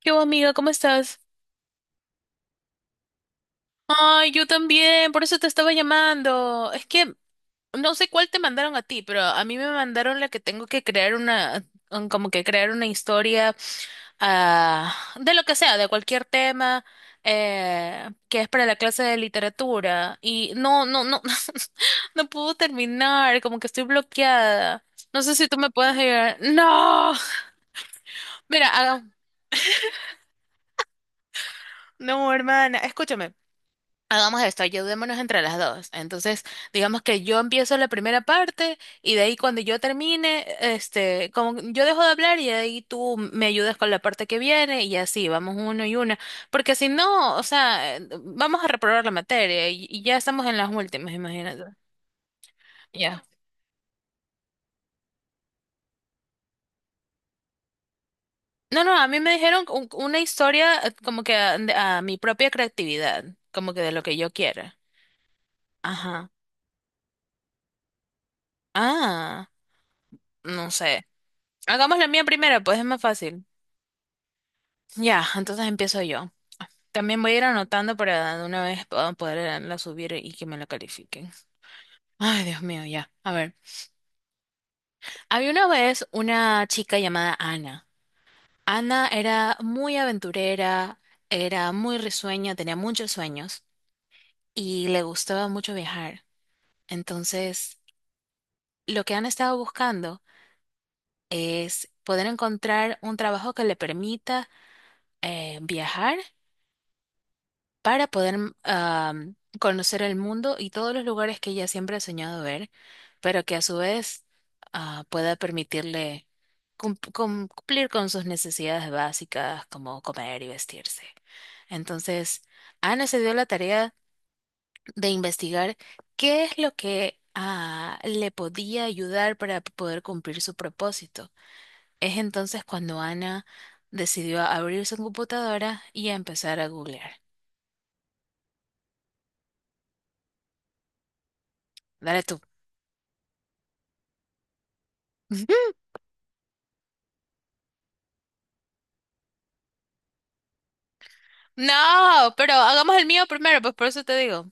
¿Qué hubo, amiga? ¿Cómo estás? Ay, yo también, por eso te estaba llamando. Es que no sé cuál te mandaron a ti, pero a mí me mandaron la que tengo que crear una, como que crear una historia ah, de lo que sea, de cualquier tema, que es para la clase de literatura. Y no, no puedo terminar, como que estoy bloqueada. No sé si tú me puedes ayudar. No, mira, no, hermana, escúchame. Hagamos esto, ayudémonos entre las dos. Entonces, digamos que yo empiezo la primera parte y de ahí cuando yo termine, este, como yo dejo de hablar y de ahí tú me ayudas con la parte que viene y así, vamos uno y una. Porque si no, o sea, vamos a reprobar la materia y ya estamos en las últimas, imagínate. Ya. No, a mí me dijeron una historia como que a mi propia creatividad, como que de lo que yo quiera. Ajá. Ah, no sé. Hagamos la mía primero, pues es más fácil. Ya, entonces empiezo yo. También voy a ir anotando para de una vez poderla subir y que me la califiquen. Ay, Dios mío, ya. A ver, había una vez una chica llamada Ana. Ana era muy aventurera, era muy risueña, tenía muchos sueños y le gustaba mucho viajar. Entonces, lo que Ana estaba buscando es poder encontrar un trabajo que le permita viajar para poder conocer el mundo y todos los lugares que ella siempre ha soñado ver, pero que a su vez pueda permitirle cumplir con sus necesidades básicas como comer y vestirse. Entonces, Ana se dio la tarea de investigar qué es lo que le podía ayudar para poder cumplir su propósito. Es entonces cuando Ana decidió abrir su computadora y a empezar a googlear. Dale tú. No, pero hagamos el mío primero, pues por eso te digo.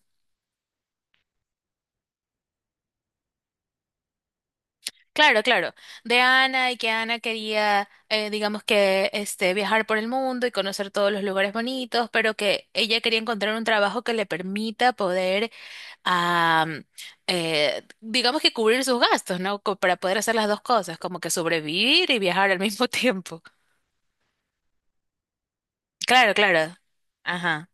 Claro, claro. De Ana y que Ana quería, digamos que, este, viajar por el mundo y conocer todos los lugares bonitos, pero que ella quería encontrar un trabajo que le permita poder, am, digamos que cubrir sus gastos, ¿no? Para poder hacer las dos cosas, como que sobrevivir y viajar al mismo tiempo. Claro, claro. Ajá.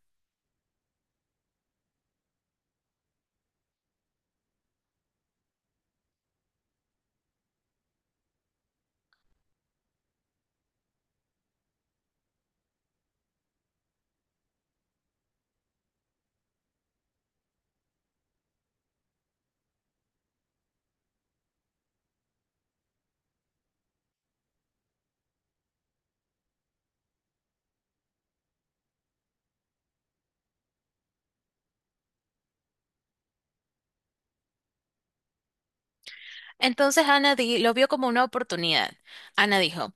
Entonces lo vio como una oportunidad. Ana dijo.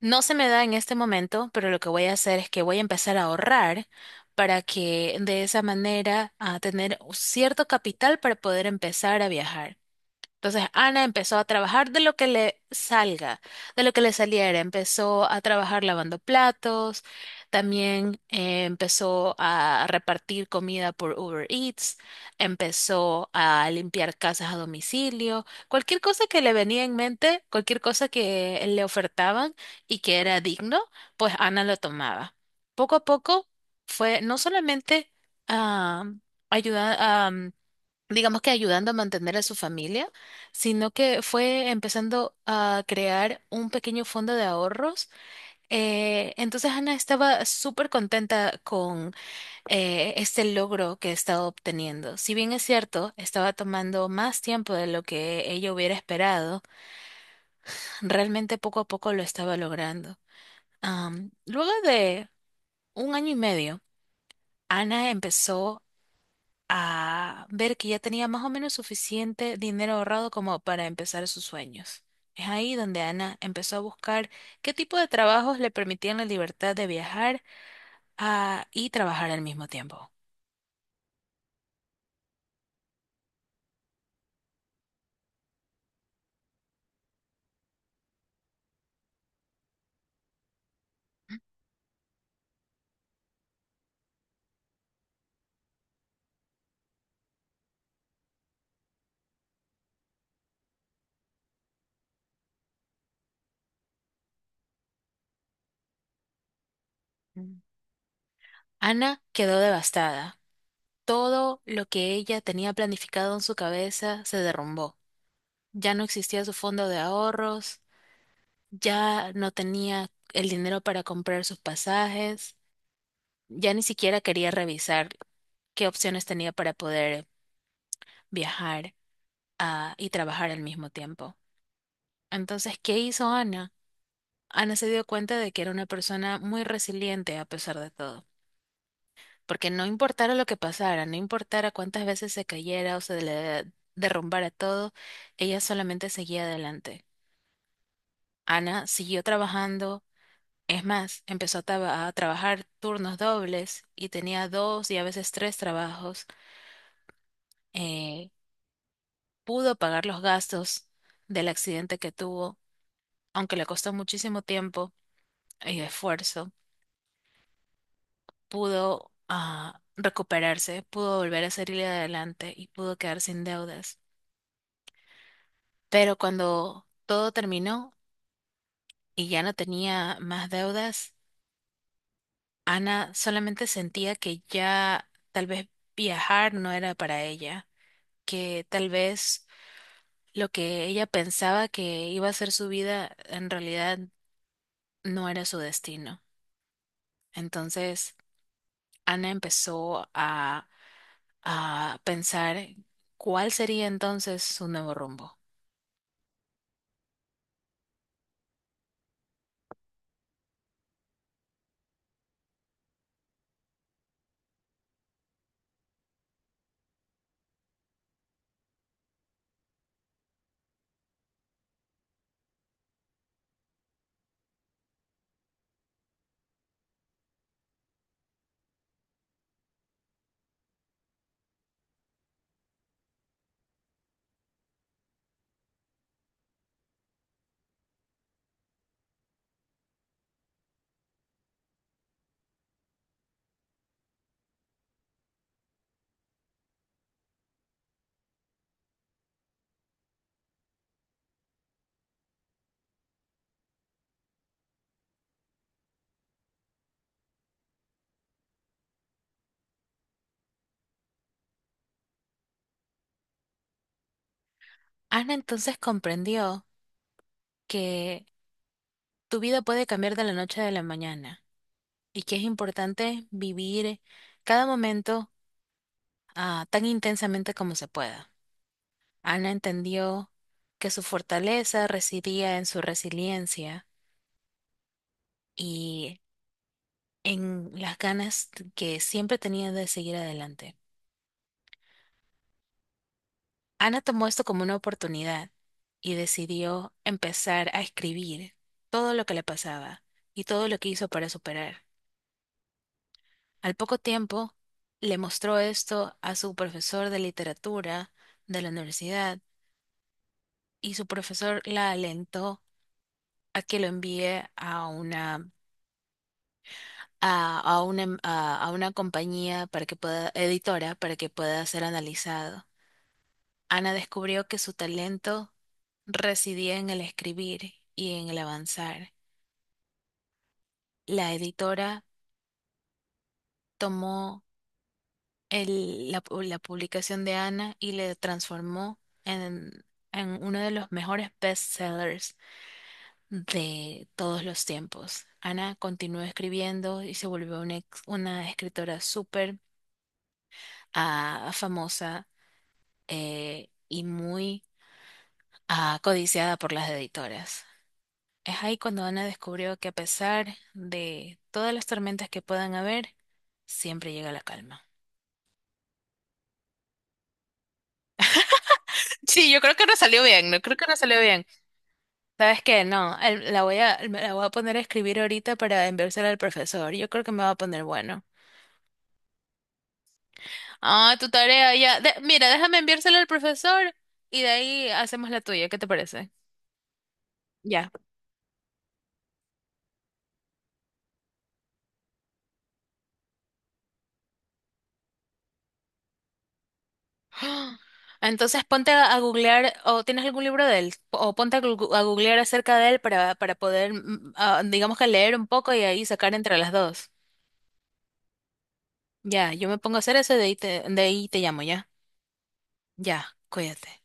No se me da en este momento, pero lo que voy a hacer es que voy a empezar a ahorrar para que de esa manera a tener cierto capital para poder empezar a viajar. Entonces Ana empezó a trabajar de lo que le salga, de lo que le saliera. Empezó a trabajar lavando platos, también empezó a repartir comida por Uber Eats, empezó a limpiar casas a domicilio, cualquier cosa que le venía en mente, cualquier cosa que le ofertaban y que era digno, pues Ana lo tomaba. Poco a poco fue no solamente a digamos que ayudando a mantener a su familia, sino que fue empezando a crear un pequeño fondo de ahorros. Entonces Ana estaba súper contenta con este logro que estaba obteniendo. Si bien es cierto, estaba tomando más tiempo de lo que ella hubiera esperado, realmente poco a poco lo estaba logrando. Luego de un año y medio, Ana empezó a ver que ya tenía más o menos suficiente dinero ahorrado como para empezar sus sueños. Es ahí donde Ana empezó a buscar qué tipo de trabajos le permitían la libertad de viajar y trabajar al mismo tiempo. Mm. Ana quedó devastada. Todo lo que ella tenía planificado en su cabeza se derrumbó. Ya no existía su fondo de ahorros, ya no tenía el dinero para comprar sus pasajes, ya ni siquiera quería revisar qué opciones tenía para poder viajar y trabajar al mismo tiempo. Entonces, ¿qué hizo Ana? Ana se dio cuenta de que era una persona muy resiliente a pesar de todo, porque no importara lo que pasara, no importara cuántas veces se cayera o se le derrumbara todo, ella solamente seguía adelante. Ana siguió trabajando, es más, empezó a trabajar turnos dobles y tenía dos y a veces tres trabajos. eh, Pudo pagar los gastos del accidente que tuvo aunque le costó muchísimo tiempo y esfuerzo, pudo recuperarse, pudo volver a salir adelante y pudo quedar sin deudas. Pero cuando todo terminó y ya no tenía más deudas, Ana solamente sentía que ya tal vez viajar no era para ella, que tal vez lo que ella pensaba que iba a ser su vida en realidad no era su destino. Entonces, Ana empezó a pensar cuál sería entonces su nuevo rumbo. Ana entonces comprendió que tu vida puede cambiar de la noche a la mañana y que es importante vivir cada momento tan intensamente como se pueda. Ana entendió que su fortaleza residía en su resiliencia y en las ganas que siempre tenía de seguir adelante. Ana tomó esto como una oportunidad y decidió empezar a escribir todo lo que le pasaba y todo lo que hizo para superar. Al poco tiempo, le mostró esto a su profesor de literatura de la universidad y su profesor la alentó a que lo envíe a una, a una compañía para que pueda, editora para que pueda ser analizado. Ana descubrió que su talento residía en el escribir y en el avanzar. La editora tomó la publicación de Ana y le transformó en, en uno de los mejores bestsellers de todos los tiempos. Ana continuó escribiendo y se volvió una escritora súper famosa y muy codiciada por las editoras. Es ahí cuando Ana descubrió que a pesar de todas las tormentas que puedan haber, siempre llega la calma. Sí, yo creo que no salió bien, no creo que no salió bien. ¿Sabes qué? No, la voy a, me la voy a poner a escribir ahorita para enviársela al profesor. Yo creo que me va a poner bueno. Ah, tu tarea ya. Mira, déjame enviársela al profesor y de ahí hacemos la tuya. ¿Qué te parece? Ya. Entonces ponte a googlear o tienes algún libro de él o ponte a googlear acerca de él para poder, digamos que leer un poco y ahí sacar entre las dos. Ya, yo me pongo a hacer eso y de ahí de ahí te llamo, ¿ya? Ya, cuídate.